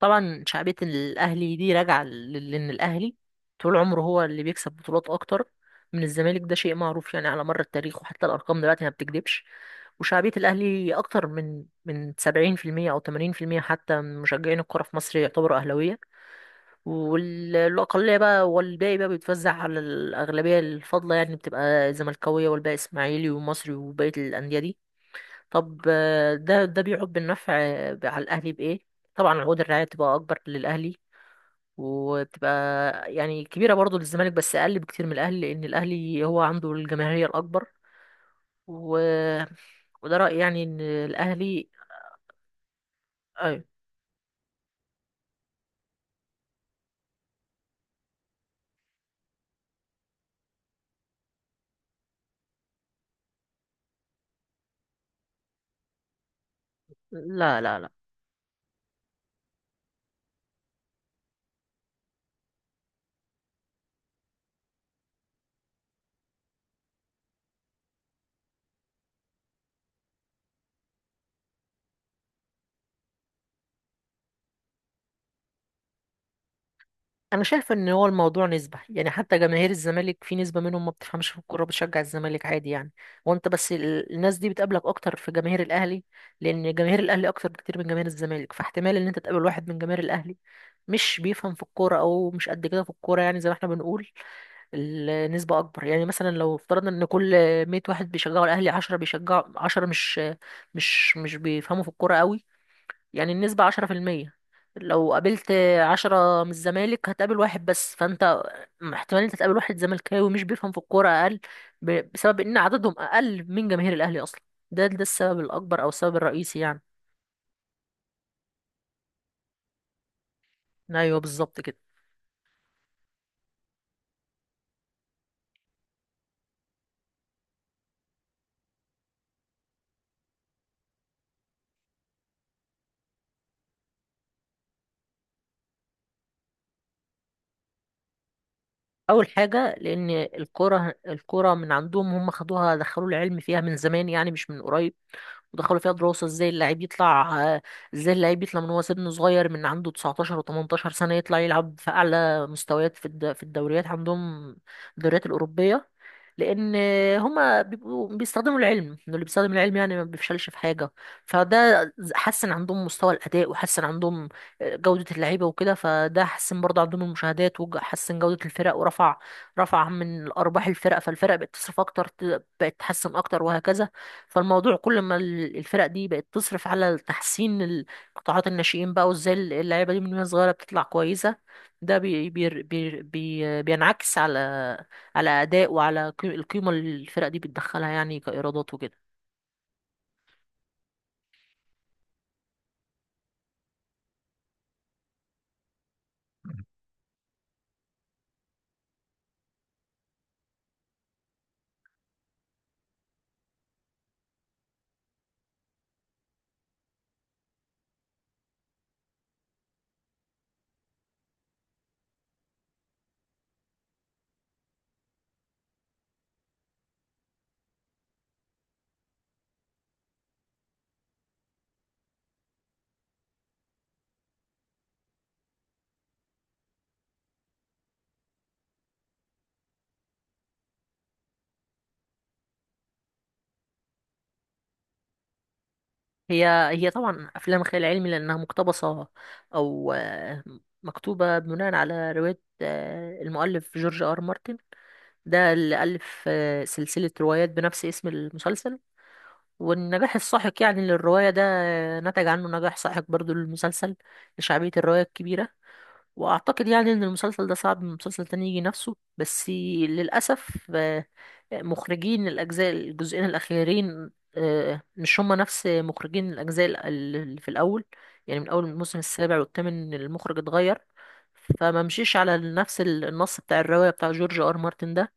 طبعا شعبية الأهلي دي راجعة لأن الأهلي طول عمره هو اللي بيكسب بطولات أكتر من الزمالك، ده شيء معروف يعني على مر التاريخ، وحتى الأرقام دلوقتي ما بتكذبش. وشعبية الأهلي أكتر من 70% أو 80%، حتى من مشجعين الكرة في مصر يعتبروا أهلاوية. والأقلية بقى والباقي بقى بيتوزع على الأغلبية الفاضلة، يعني بتبقى زملكاوية، والباقي إسماعيلي ومصري وبقية الأندية دي. طب ده بيعود بالنفع على الاهلي بايه؟ طبعا عقود الرعايه بتبقى اكبر للاهلي، وبتبقى يعني كبيره برضه للزمالك بس اقل بكتير من الاهلي، لان الاهلي هو عنده الجماهيريه الاكبر. و... وده رايي يعني ان الاهلي. ايوه. لا لا لا. انا شايف ان هو الموضوع نسبه، يعني حتى جماهير الزمالك في نسبه منهم ما بتفهمش في الكوره بتشجع الزمالك عادي يعني. وانت بس الناس دي بتقابلك اكتر في جماهير الاهلي، لان جماهير الاهلي اكتر بكتير من جماهير الزمالك، فاحتمال ان انت تقابل واحد من جماهير الاهلي مش بيفهم في الكوره او مش قد كده في الكوره يعني، زي ما احنا بنقول النسبه اكبر. يعني مثلا لو افترضنا ان كل 100 واحد بيشجعوا الاهلي، 10 بيشجعوا، 10 مش بيفهموا في الكوره قوي، يعني النسبة 10%. لو قابلت عشرة من الزمالك هتقابل واحد بس، فانت احتمال انت تقابل واحد زملكاوي مش بيفهم في الكورة اقل بسبب ان عددهم اقل من جماهير الاهلي اصلا. ده السبب الاكبر او السبب الرئيسي يعني. ايوه بالظبط كده. اول حاجة لان الكورة من عندهم، هم خدوها دخلوا العلم فيها من زمان يعني، مش من قريب. ودخلوا فيها دراسة ازاي اللاعب يطلع، ازاي اللاعب يطلع من هو سن صغير، من عنده 19 و18 سنة يطلع يلعب في أعلى مستويات في في الدوريات عندهم، الدوريات الأوروبية. لأن هما بيبقوا بيستخدموا العلم، إنه اللي بيستخدم العلم يعني ما بيفشلش في حاجة. فده حسن عندهم مستوى الأداء، وحسن عندهم جودة اللعيبة وكده. فده حسن برضه عندهم المشاهدات، وحسن جودة الفرق، ورفع رفع من أرباح الفرق. فالفرق بقت تصرف أكتر، بقت تحسن أكتر وهكذا. فالموضوع كل ما الفرق دي بقت تصرف على تحسين قطاعات الناشئين بقى، وازاي اللعيبه دي من وهي صغيره بتطلع كويسه، ده بي بي بي بي بينعكس على اداء وعلى القيمه اللي الفرق دي بتدخلها يعني كايرادات وكده. هي طبعا افلام خيال علمي لانها مقتبسه، او مكتوبه بناء على روايه، المؤلف جورج ار مارتن، ده اللي الف سلسله روايات بنفس اسم المسلسل. والنجاح الساحق يعني للرواية ده نتج عنه نجاح ساحق برضو للمسلسل لشعبية الرواية الكبيرة. وأعتقد يعني إن المسلسل ده صعب من مسلسل تاني يجي نفسه، بس للأسف مخرجين الأجزاء الجزئين الأخيرين، مش هما نفس مخرجين الأجزاء اللي في الأول. يعني من أول الموسم السابع والثامن المخرج اتغير، فما مشيش على نفس النص بتاع الرواية بتاع جورج آر مارتن ده.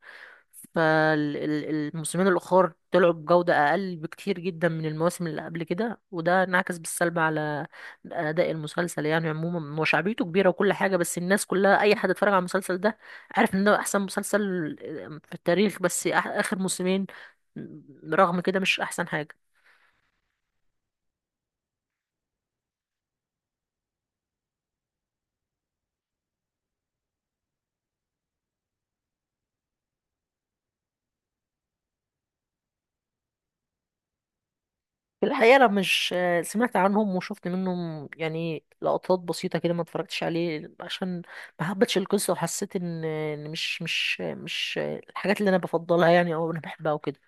فالموسمين الأخر طلعوا بجودة أقل بكتير جدا من المواسم اللي قبل كده، وده انعكس بالسلب على أداء المسلسل. يعني عموما هو شعبيته كبيرة وكل حاجة، بس الناس كلها أي حد اتفرج على المسلسل ده عارف إن ده أحسن مسلسل في التاريخ، بس آخر موسمين رغم كده مش أحسن حاجة. في الحقيقة أنا مش سمعت عنهم، وشفت منهم يعني لقطات بسيطة كده، ما اتفرجتش عليه عشان ما حبتش القصة، وحسيت إن مش الحاجات اللي أنا بفضلها يعني، أو أنا بحبها وكده.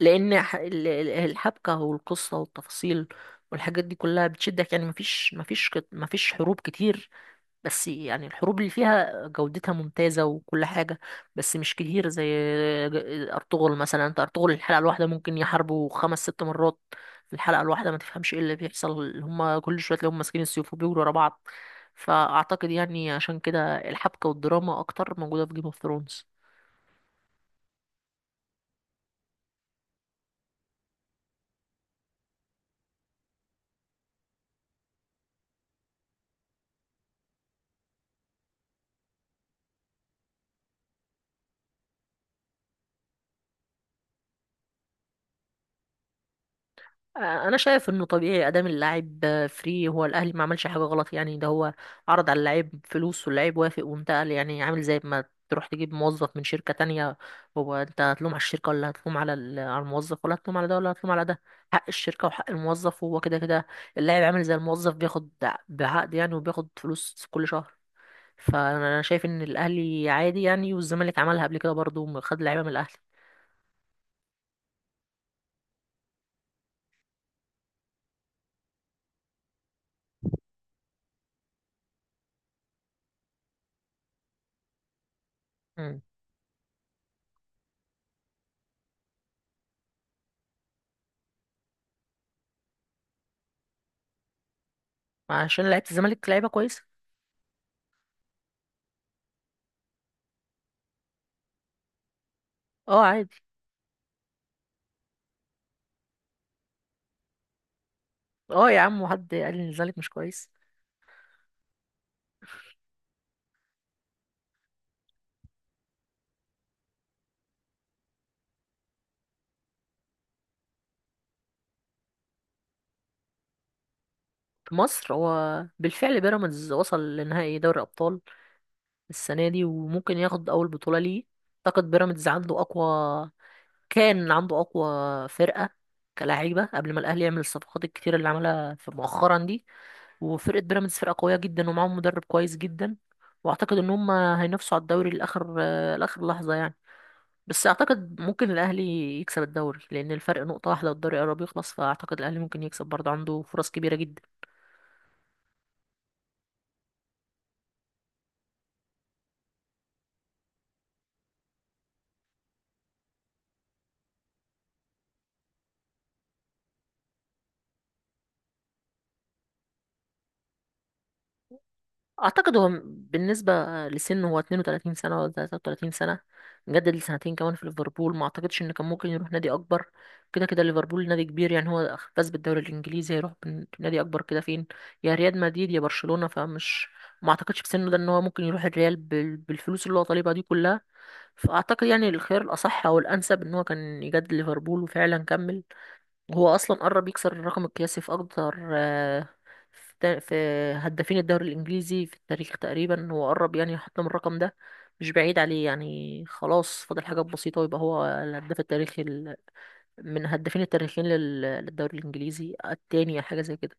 لأن الحبكة والقصة والتفاصيل والحاجات دي كلها بتشدك، يعني مفيش مفيش حروب كتير، بس يعني الحروب اللي فيها جودتها ممتازة وكل حاجة، بس مش كتير زي أرطغرل مثلا. أنت أرطغرل الحلقة الواحدة ممكن يحاربوا خمس ست مرات في الحلقة الواحدة، ما تفهمش إيه اللي بيحصل، هما كل شوية تلاقيهم ماسكين السيوف وبيجروا ورا بعض. فأعتقد يعني عشان كده الحبكة والدراما أكتر موجودة في جيم اوف ثرونز. انا شايف انه طبيعي، ادام اللاعب فري، هو الاهلي ما عملش حاجه غلط يعني. ده هو عرض على اللاعب فلوس، واللاعب وافق وانتقل، يعني عامل زي ما تروح تجيب موظف من شركه تانية. هو انت هتلوم على الشركه ولا هتلوم على على الموظف؟ ولا هتلوم على ده ولا هتلوم على ده؟ حق الشركه وحق الموظف، وهو كده كده اللاعب عامل زي الموظف، بياخد بعقد يعني وبياخد فلوس كل شهر. فانا شايف ان الاهلي عادي يعني، والزمالك عملها قبل كده برضه، خد لعيبه من الاهلي. مم. عشان لعيبه الزمالك لعيبه كويسه. اه عادي. اه يا عم، وحد قال لي ان الزمالك مش كويس؟ في مصر هو بالفعل بيراميدز وصل لنهائي دوري ابطال السنه دي، وممكن ياخد اول بطوله ليه. اعتقد بيراميدز عنده اقوى، كان عنده اقوى فرقه كلاعيبه قبل ما الاهلي يعمل الصفقات الكتير اللي عملها في مؤخرا دي. وفرقه بيراميدز فرقه قويه جدا، ومعاهم مدرب كويس جدا. واعتقد ان هم هينافسوا على الدوري لاخر لاخر لحظه يعني. بس اعتقد ممكن الاهلي يكسب الدوري لان الفرق نقطه واحده والدوري قرب يخلص، فاعتقد الاهلي ممكن يكسب برضه، عنده فرص كبيره جدا. اعتقد هو بالنسبه لسنه، هو 32 سنه ولا 33 سنه، مجدد لسنتين كمان في ليفربول، ما اعتقدش ان كان ممكن يروح نادي اكبر. كده كده ليفربول نادي كبير يعني، هو فاز بالدوري الانجليزي، هيروح نادي اكبر كده فين؟ يا ريال مدريد يا برشلونه، فمش ما اعتقدش في سنه ده ان هو ممكن يروح الريال بالفلوس اللي هو طالبها دي كلها. فأعتقد يعني الخيار الأصح أو الأنسب إن هو كان يجدد ليفربول، وفعلا كمل. وهو أصلا قرب يكسر الرقم القياسي في أكتر، في هدافين الدوري الإنجليزي في التاريخ، تقريبا هو قرب يعني يحطم الرقم ده، مش بعيد عليه يعني، خلاص فاضل حاجات بسيطة ويبقى هو الهداف التاريخي، من هدافين التاريخيين للدوري الإنجليزي التاني أو حاجة زي كده.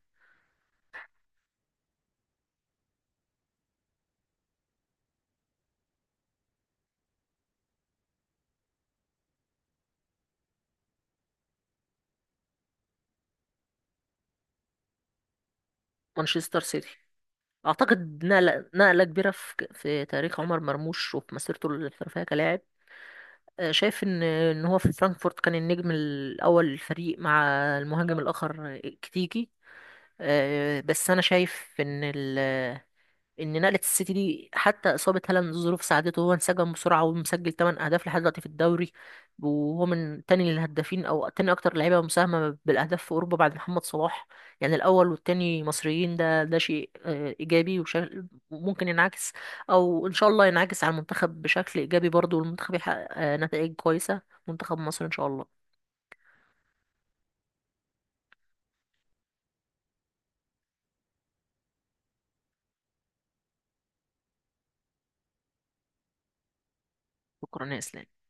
مانشستر سيتي، أعتقد نقلة كبيرة في تاريخ عمر مرموش وفي مسيرته الاحترافية كلاعب. شايف ان هو في فرانكفورت كان النجم الاول للفريق مع المهاجم الاخر، كتيكي. بس انا شايف ان نقله السيتي دي، حتى اصابه هالاند ظروف ساعدته، هو انسجم بسرعه ومسجل 8 اهداف لحد دلوقتي في الدوري. وهو من تاني للهدافين او تاني اكتر لعيبه مساهمه بالاهداف في اوروبا بعد محمد صلاح، يعني الاول والتاني مصريين، ده شيء ايجابي وشكل ممكن ينعكس، او ان شاء الله ينعكس على المنتخب بشكل ايجابي برضه، والمنتخب يحقق نتائج كويسه منتخب مصر ان شاء الله. شكرا يا اسلام.